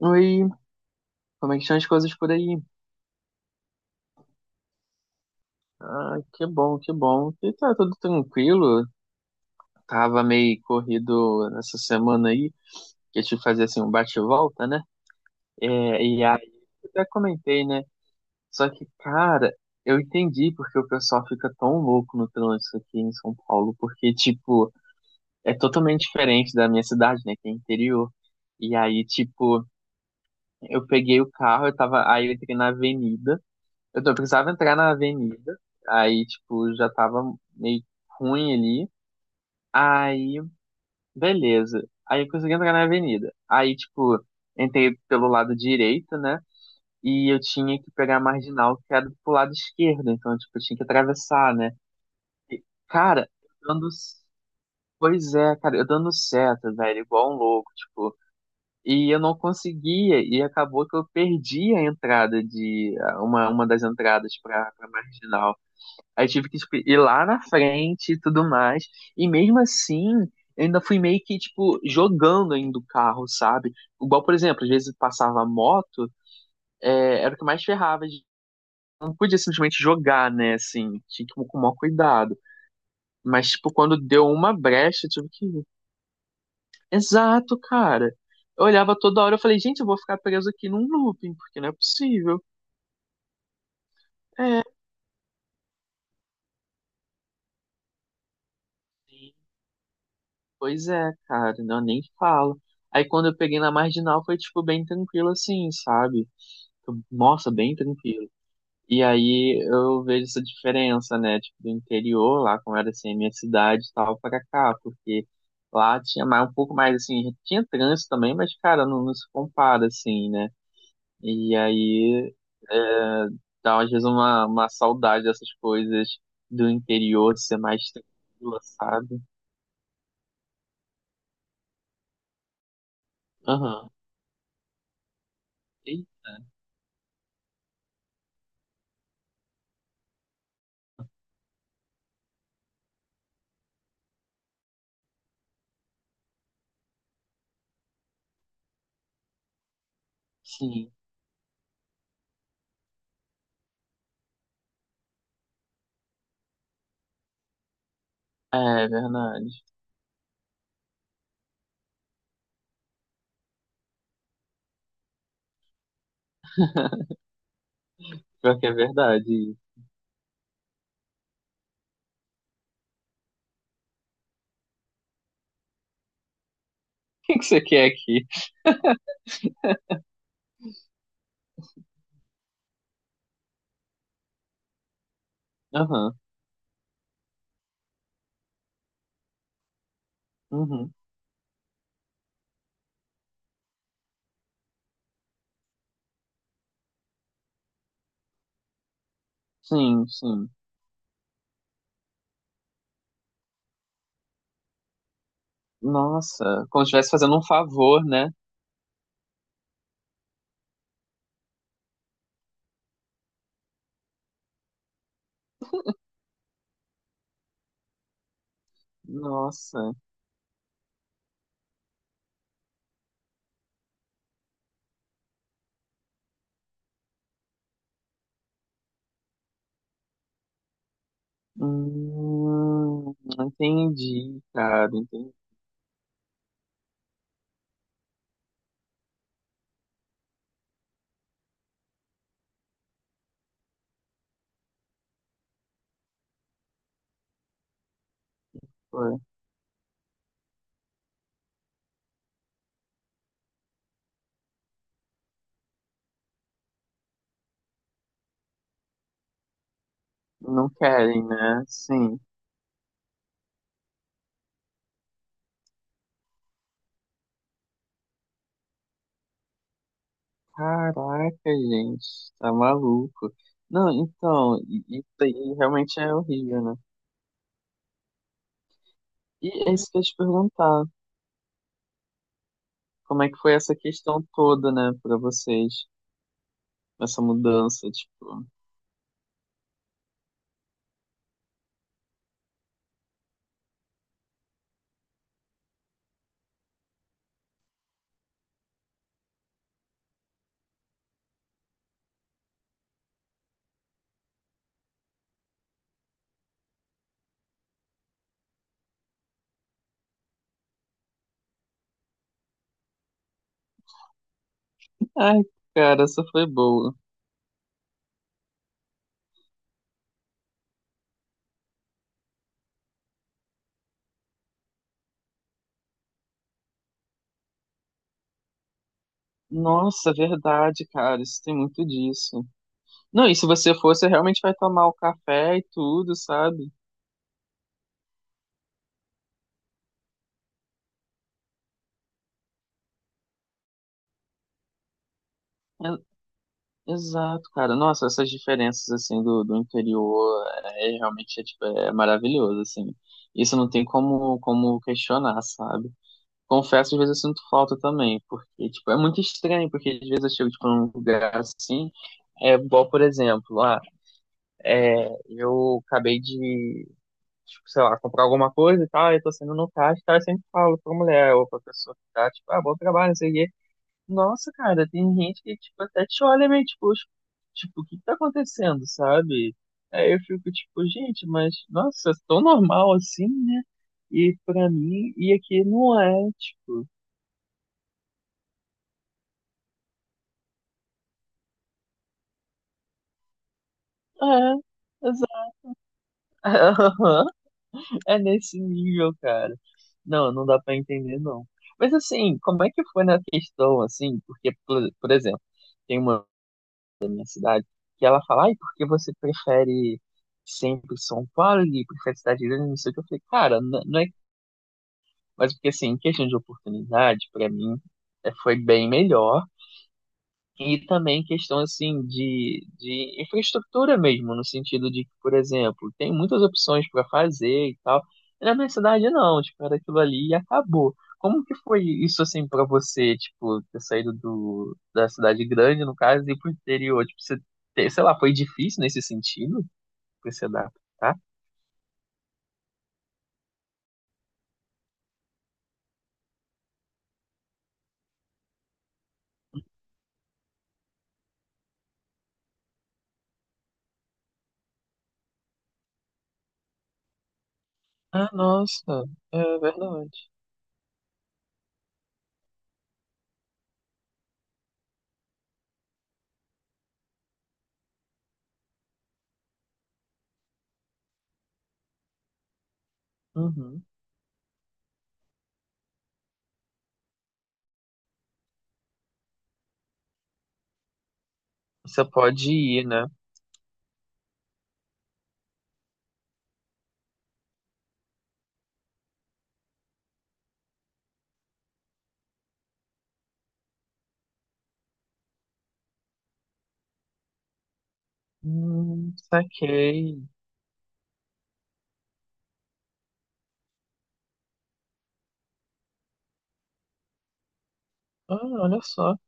Oi, como é que estão as coisas por aí? Ah, que bom, que bom. E tá tudo tranquilo. Tava meio corrido nessa semana aí, que eu tive que fazer assim um bate-volta, né? É, e aí, eu até comentei, né? Só que, cara, eu entendi porque o pessoal fica tão louco no trânsito aqui em São Paulo, porque, tipo, é totalmente diferente da minha cidade, né? Que é interior. E aí, tipo, eu peguei o carro, eu tava, aí eu entrei na avenida. Eu precisava entrar na avenida, aí, tipo, já tava meio ruim ali. Aí, beleza. Aí eu consegui entrar na avenida. Aí, tipo, entrei pelo lado direito, né? E eu tinha que pegar a marginal que era pro lado esquerdo. Então, tipo, eu tinha que atravessar, né? Cara, eu dando. Pois é, cara, eu dando seta, velho, igual um louco, tipo. E eu não conseguia, e acabou que eu perdi a entrada de. Uma das entradas pra marginal. Aí tive que tipo, ir lá na frente e tudo mais. E mesmo assim, eu ainda fui meio que, tipo, jogando ainda o carro, sabe? Igual, por exemplo, às vezes passava moto, é, era o que mais ferrava. Não podia simplesmente jogar, né? Assim, tinha que ir com o maior cuidado. Mas, tipo, quando deu uma brecha, eu tive que. Ir. Exato, cara. Eu olhava toda hora, eu falei, gente, eu vou ficar preso aqui num looping, porque não é possível. É. Pois é, cara, não nem falo. Aí quando eu peguei na marginal foi tipo bem tranquilo assim, sabe? Nossa, bem tranquilo. E aí eu vejo essa diferença, né? Tipo, do interior, lá como era assim, a minha cidade e tal, pra cá, porque lá tinha mais, um pouco mais assim, tinha trânsito também, mas cara, não se compara assim, né? E aí dá às vezes uma saudade dessas coisas do interior de ser mais tranquila, sabe? Aham. Eita, sim. É verdade. Pior que é verdade. O que que você quer aqui? Aham, uhum. Sim, sim. Nossa, como se estivesse fazendo um favor, né? Nossa. Entendi, cara. Entendi. Ué, não querem, né? Sim. Caraca, gente, tá maluco. Não, então, isso aí realmente é horrível, né? E é isso que eu ia te perguntar. Como é que foi essa questão toda, né, pra vocês? Essa mudança, tipo. Ai, cara, essa foi boa. Nossa, verdade, cara, isso tem muito disso. Não, e se você for, você realmente vai tomar o café e tudo, sabe? É- Exato, cara. Nossa, essas diferenças, assim, do interior, é realmente, é, tipo, é maravilhoso, assim. Isso não tem como, como questionar, sabe? Confesso, às vezes eu sinto falta também, porque, tipo, é muito estranho, porque às vezes eu chego, tipo, num lugar assim, é igual, por exemplo, ah, é, eu acabei de tipo, sei lá, comprar alguma coisa e tal, eu tô saindo no caixa e tal, eu sempre falo pra mulher ou pra pessoa que tá, tipo, ah, bom trabalho, não sei o quê. Nossa, cara, tem gente que, tipo, até te olha meio, tipo, "Oxe, tipo, o que que tá acontecendo, sabe? Aí eu fico, tipo, gente, mas, nossa, é tão normal assim, né? E pra mim, e aqui não é, tipo, é, exato. É nesse nível, cara. Não, não dá pra entender, não. Mas assim, como é que foi na questão, assim? Porque, por exemplo, tem uma cidade. Que ela fala, ai, por que você prefere sempre São Paulo e prefere cidade grande, não sei o que. Eu falei, cara, não é. Mas porque assim, em questão de oportunidade, pra mim, é, foi bem melhor. E também questão assim de infraestrutura mesmo, no sentido de que, por exemplo, tem muitas opções para fazer e tal. E na minha cidade não, tipo, era aquilo ali e acabou. Como que foi isso assim para você, tipo, ter saído da cidade grande, no caso, e ir pro interior? Tipo, você ter, sei lá, foi difícil nesse sentido pra você adaptar? Ah, nossa, é verdade. Uhum. Você pode ir, né? Saquei. Ah, olha só.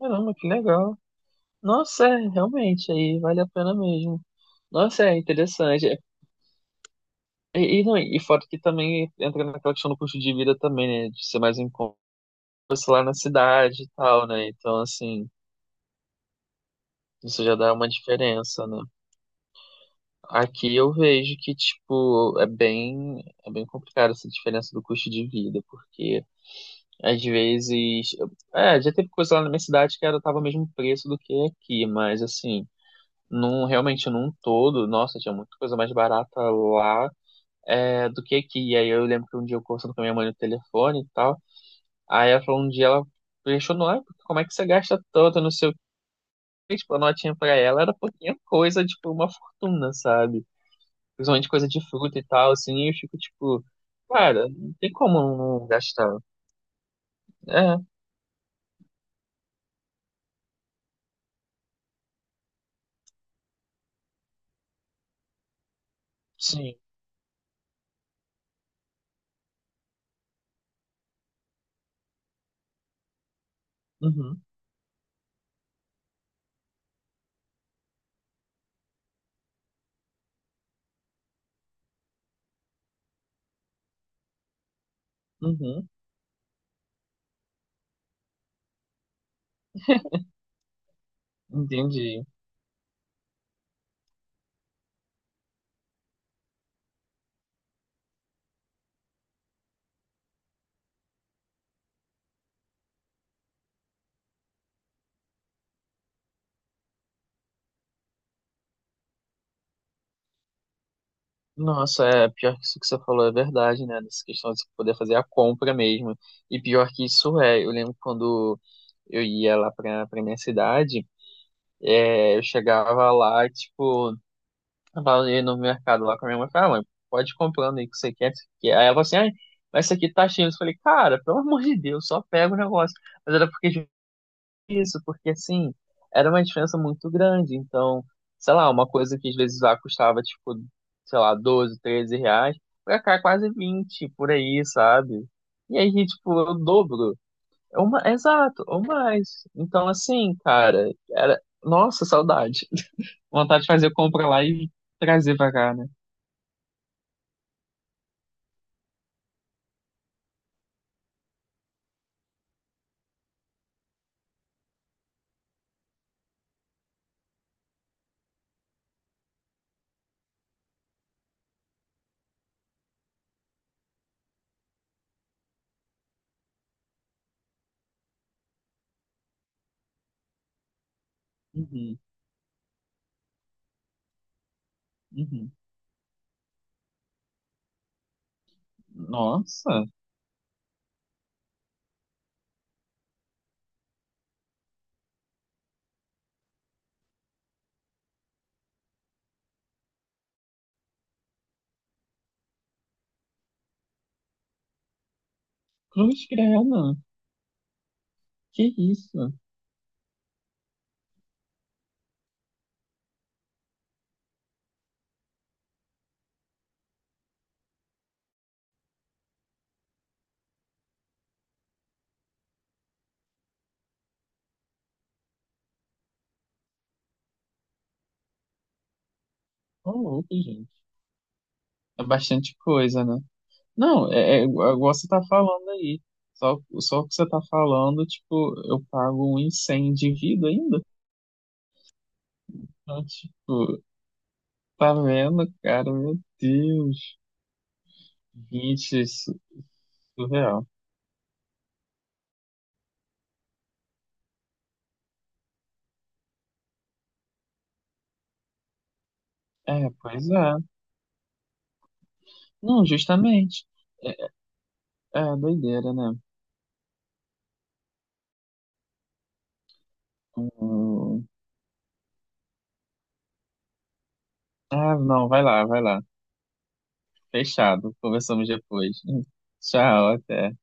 Caramba, que legal. Nossa, é, realmente, aí vale a pena mesmo. Nossa, é interessante. É, e, não, e fora que também entra naquela questão do custo de vida também, né? De ser mais em conta, sei lá, na cidade e tal, né? Então, assim, isso já dá uma diferença, né? Aqui eu vejo que, tipo, é bem complicado essa diferença do custo de vida, porque às vezes. É, já teve coisa lá na minha cidade que era, tava o mesmo preço do que aqui, mas assim. Num, realmente num todo, nossa, tinha muita coisa mais barata lá é, do que. E aí eu lembro que um dia eu conversando com a minha mãe no telefone e tal. Aí ela falou um dia, ela questionou, ah, como é que você gasta tanto, não sei o quê. Tipo, a notinha pra ela era pouquinha coisa, tipo, uma fortuna, sabe? Principalmente coisa de fruta e tal, assim. E eu fico, tipo, cara, não tem como não gastar. É, sim. Uhum, uhum. Entendi. Nossa, é pior que isso que você falou, é verdade, né? Nessa questão de você poder fazer a compra mesmo. E pior que isso é, eu lembro quando eu ia lá pra minha cidade, é, eu chegava lá, tipo, eu tava ali no mercado lá com a minha mãe, falava, ah, mãe, pode ir comprando aí o que você quer, o que você quer. Aí ela falou assim, ai, mas isso aqui tá cheio. Eu falei, cara, pelo amor de Deus, só pega o negócio. Mas era porque isso, porque assim, era uma diferença muito grande. Então, sei lá, uma coisa que às vezes lá custava, tipo, sei lá, 12, 13 reais, pra cá é quase 20 por aí, sabe? E aí, tipo, é o dobro. É uma, exato, ou mais. Então, assim, cara, era, nossa, saudade. Vontade de fazer compra lá e trazer pra cá, né? Uhum, uhum. Nossa, cruz credo. Que isso? Ô, louco, gente. É bastante coisa, né? Não, é, é igual você tá falando aí. Só o que você tá falando, tipo, eu pago um incêndio de vida ainda. Então, tipo, tá vendo, cara? Meu Deus, gente, isso é surreal. É, pois é. Não, justamente. É, é doideira, né? Hum. Ah, não, vai lá, vai lá. Fechado. Conversamos depois. Tchau, até.